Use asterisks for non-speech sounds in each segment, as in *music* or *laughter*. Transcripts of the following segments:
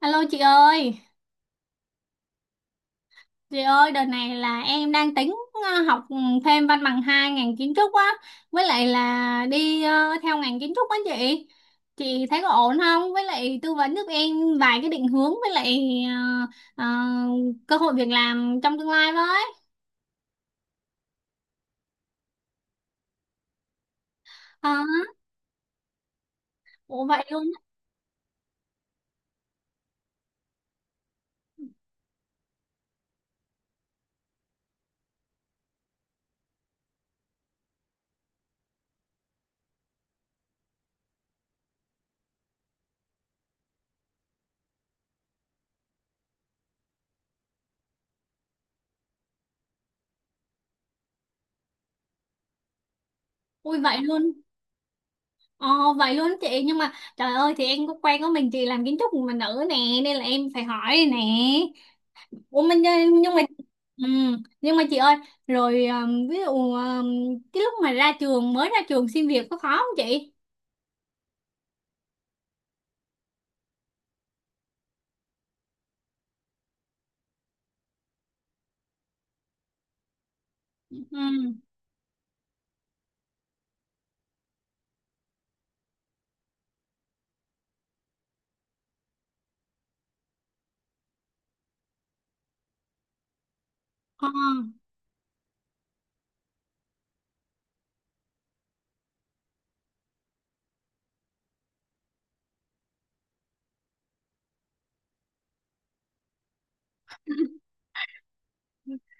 Alo chị ơi đợt này là em đang tính học thêm văn bằng hai ngành kiến trúc á, với lại là đi theo ngành kiến trúc á chị. Chị thấy có ổn không? Với lại tư vấn giúp em vài cái định hướng với lại ờ, ờ, cơ hội việc làm trong tương lai với. Ờ, Ủa vậy luôn, ui vậy luôn. Ờ Vậy luôn chị, nhưng mà trời ơi thì em có quen có mình chị làm kiến trúc mà nữ nè, nên là em phải hỏi nè. Ủa mình nhưng mà ừ, nhưng mà chị ơi, rồi ví dụ cái lúc mà ra trường mới ra trường xin việc có khó không chị? Ừ. Ờ,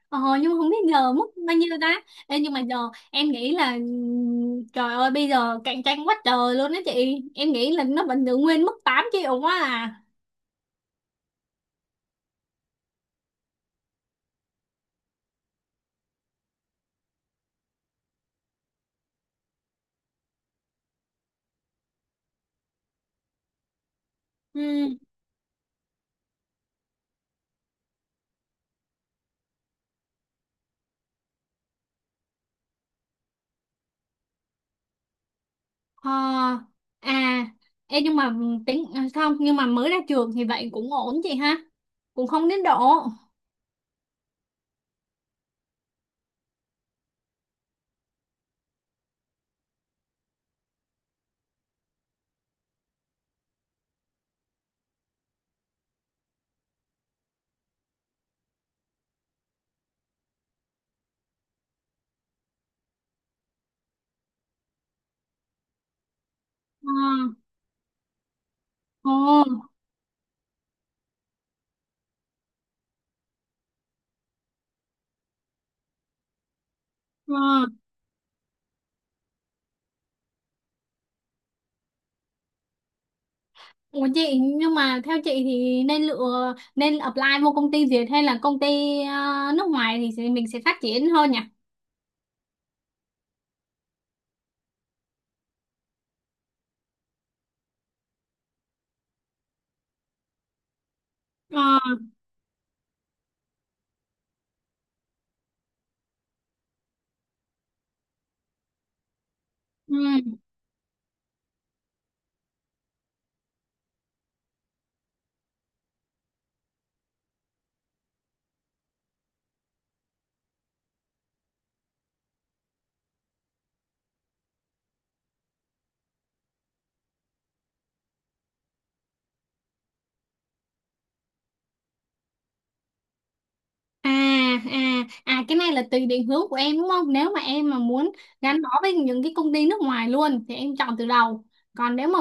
ờ, nhưng mà không biết giờ mức bao nhiêu ta. Ê, nhưng mà giờ em nghĩ là trời ơi bây giờ cạnh tranh quá trời luôn đó chị. Em nghĩ là nó vẫn giữ nguyên mức 8 triệu quá à. Ừ. Ờ, à. Ê, nhưng mà tính à, không nhưng mà mới ra trường thì vậy cũng ổn chị ha, cũng không đến độ ờ, ờ, ờ. Ủa chị, nhưng mà theo chị thì nên lựa, nên apply vô công ty Việt hay là công ty ờ, nước ngoài thì mình sẽ phát triển hơn nhỉ? Ờ, ừ. À, à, cái này là tùy định hướng của em đúng không? Nếu mà em mà muốn gắn bó với những cái công ty nước ngoài luôn thì em chọn từ đầu. Còn nếu mà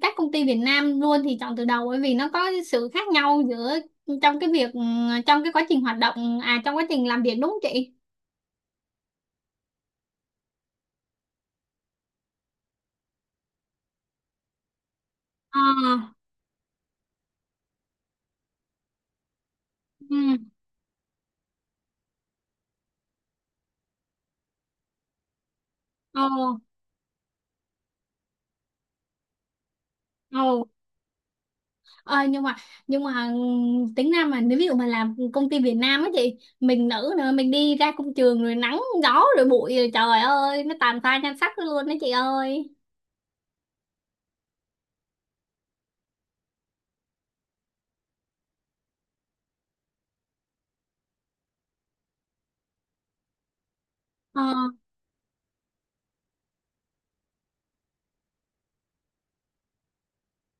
các công ty Việt Nam luôn thì chọn từ đầu, bởi vì nó có sự khác nhau giữa trong cái việc trong cái quá trình hoạt động, à trong quá trình làm việc đúng không chị? Ờ, ừ, ồ, ồ. Ờ, nhưng mà tính ra mà nếu ví dụ mà làm công ty Việt Nam á chị, mình nữ nữa, mình đi ra công trường rồi nắng gió rồi bụi rồi trời ơi nó tàn phai nhan sắc luôn đấy chị ơi. ờ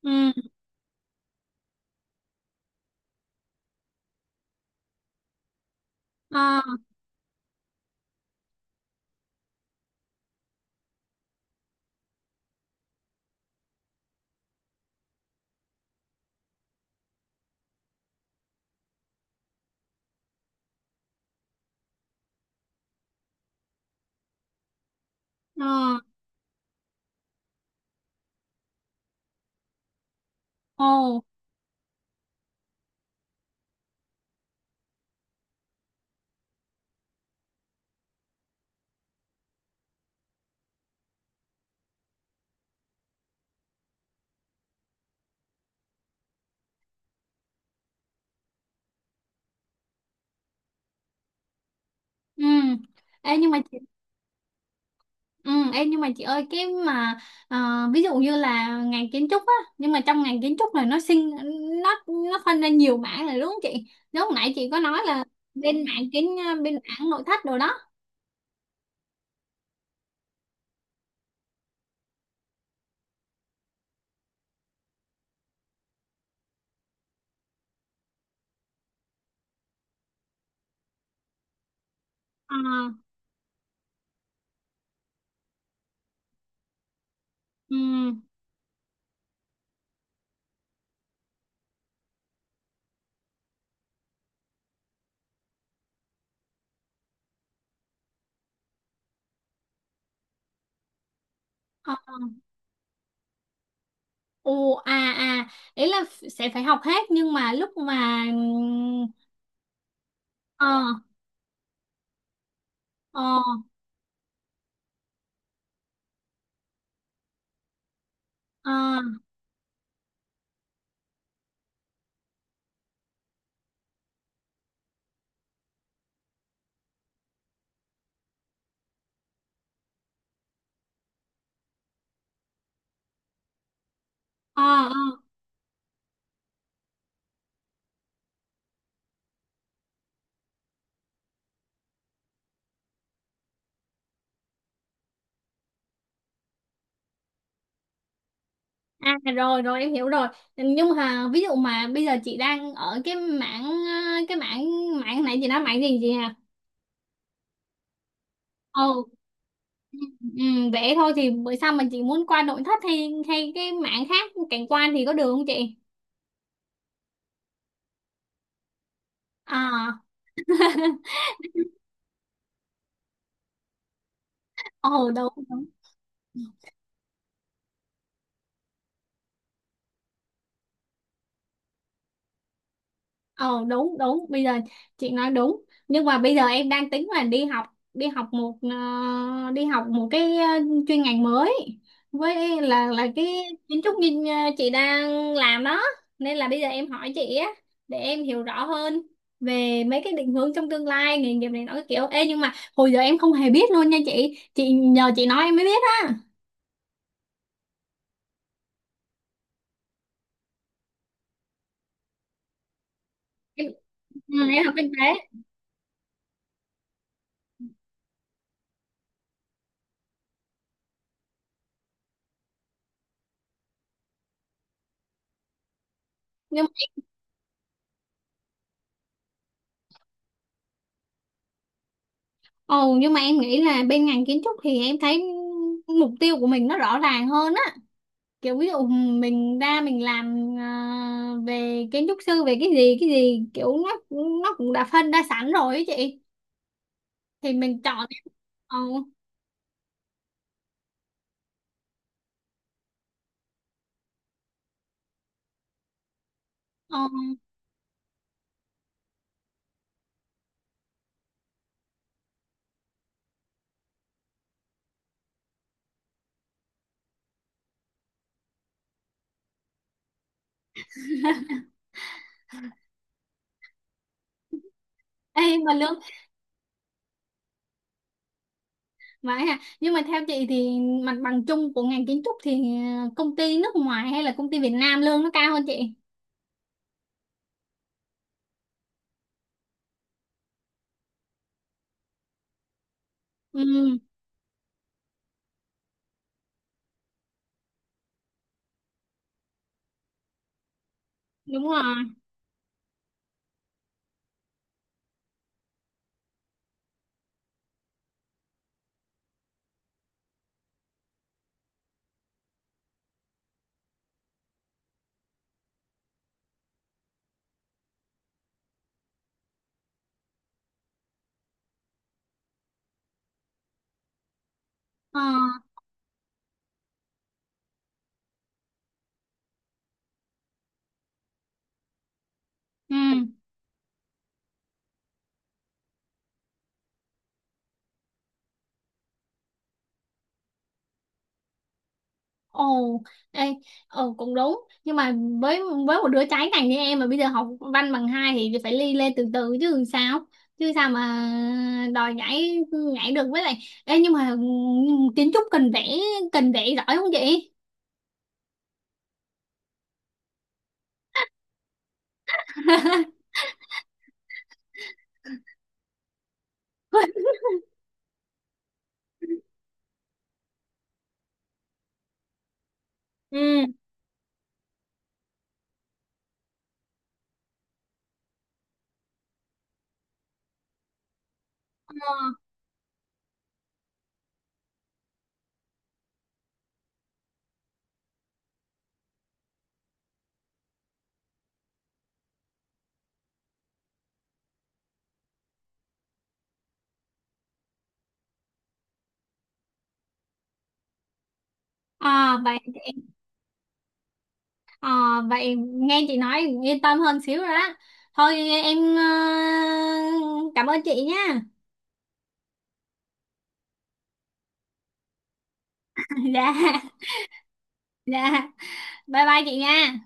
ừ. ờ ờ Ồ. Ừ. Ê, nhưng mà chị. Ừ. Ê, nhưng mà chị ơi cái mà ờ, ví dụ như là ngành kiến trúc á, nhưng mà trong ngành kiến trúc là nó phân ra nhiều mảng rồi đúng không chị? Nếu hồi nãy chị có nói là bên mảng kiến bên mảng nội thất đồ đó. Ờ. Ừ. Ồ. À, à, ý là sẽ phải học hết, nhưng mà lúc mà ờ ờ ờ ờ ờ. À, rồi rồi, em hiểu rồi. Nhưng mà ví dụ mà bây giờ chị đang ở cái mảng mảng này, chị nói mảng gì chị hả? Ồ. Ừ, ừ, vẽ thôi thì bữa sau mà chị muốn qua nội thất hay hay cái mảng khác, cảnh quan, thì có được không chị? À. *laughs* Ồ đúng đúng. Ồ đúng đúng, bây giờ chị nói đúng. Nhưng mà bây giờ em đang tính là đi học một cái chuyên ngành mới, với là cái kiến trúc như chị đang làm đó. Nên là bây giờ em hỏi chị á, để em hiểu rõ hơn về mấy cái định hướng trong tương lai nghề nghiệp này, nó cái kiểu, ê nhưng mà hồi giờ em không hề biết luôn nha chị nhờ chị nói em mới biết á. Em, em học kinh tế. Ồ, nhưng mà em nghĩ là bên ngành kiến trúc thì em thấy mục tiêu của mình nó rõ ràng hơn á, kiểu ví dụ mình ra mình làm, à, về kiến trúc sư, về cái gì cái gì, kiểu nó cũng đã phân ra sẵn rồi ấy chị, thì mình chọn. Ồ. Ồ. Ê mà lương, vậy hả? Nhưng mà theo chị thì mặt bằng chung của ngành kiến trúc thì công ty nước ngoài hay là công ty Việt Nam lương nó cao hơn chị? Ừ. Đúng rồi. Ờ. Ừ. Ồ. Ê. Ồ cũng đúng, nhưng mà với một đứa trái ngành như em mà bây giờ học văn bằng hai thì phải ly lên từ từ chứ sao mà đòi nhảy nhảy được. Với lại, ê, nhưng mà kiến trúc cần vẽ giỏi không chị? *laughs* Ừ. Ờ, à, à, vậy nghe chị nói yên tâm hơn xíu rồi đó, thôi em cảm ơn chị nha. *laughs* Dạ, dạ, bye bye chị nha.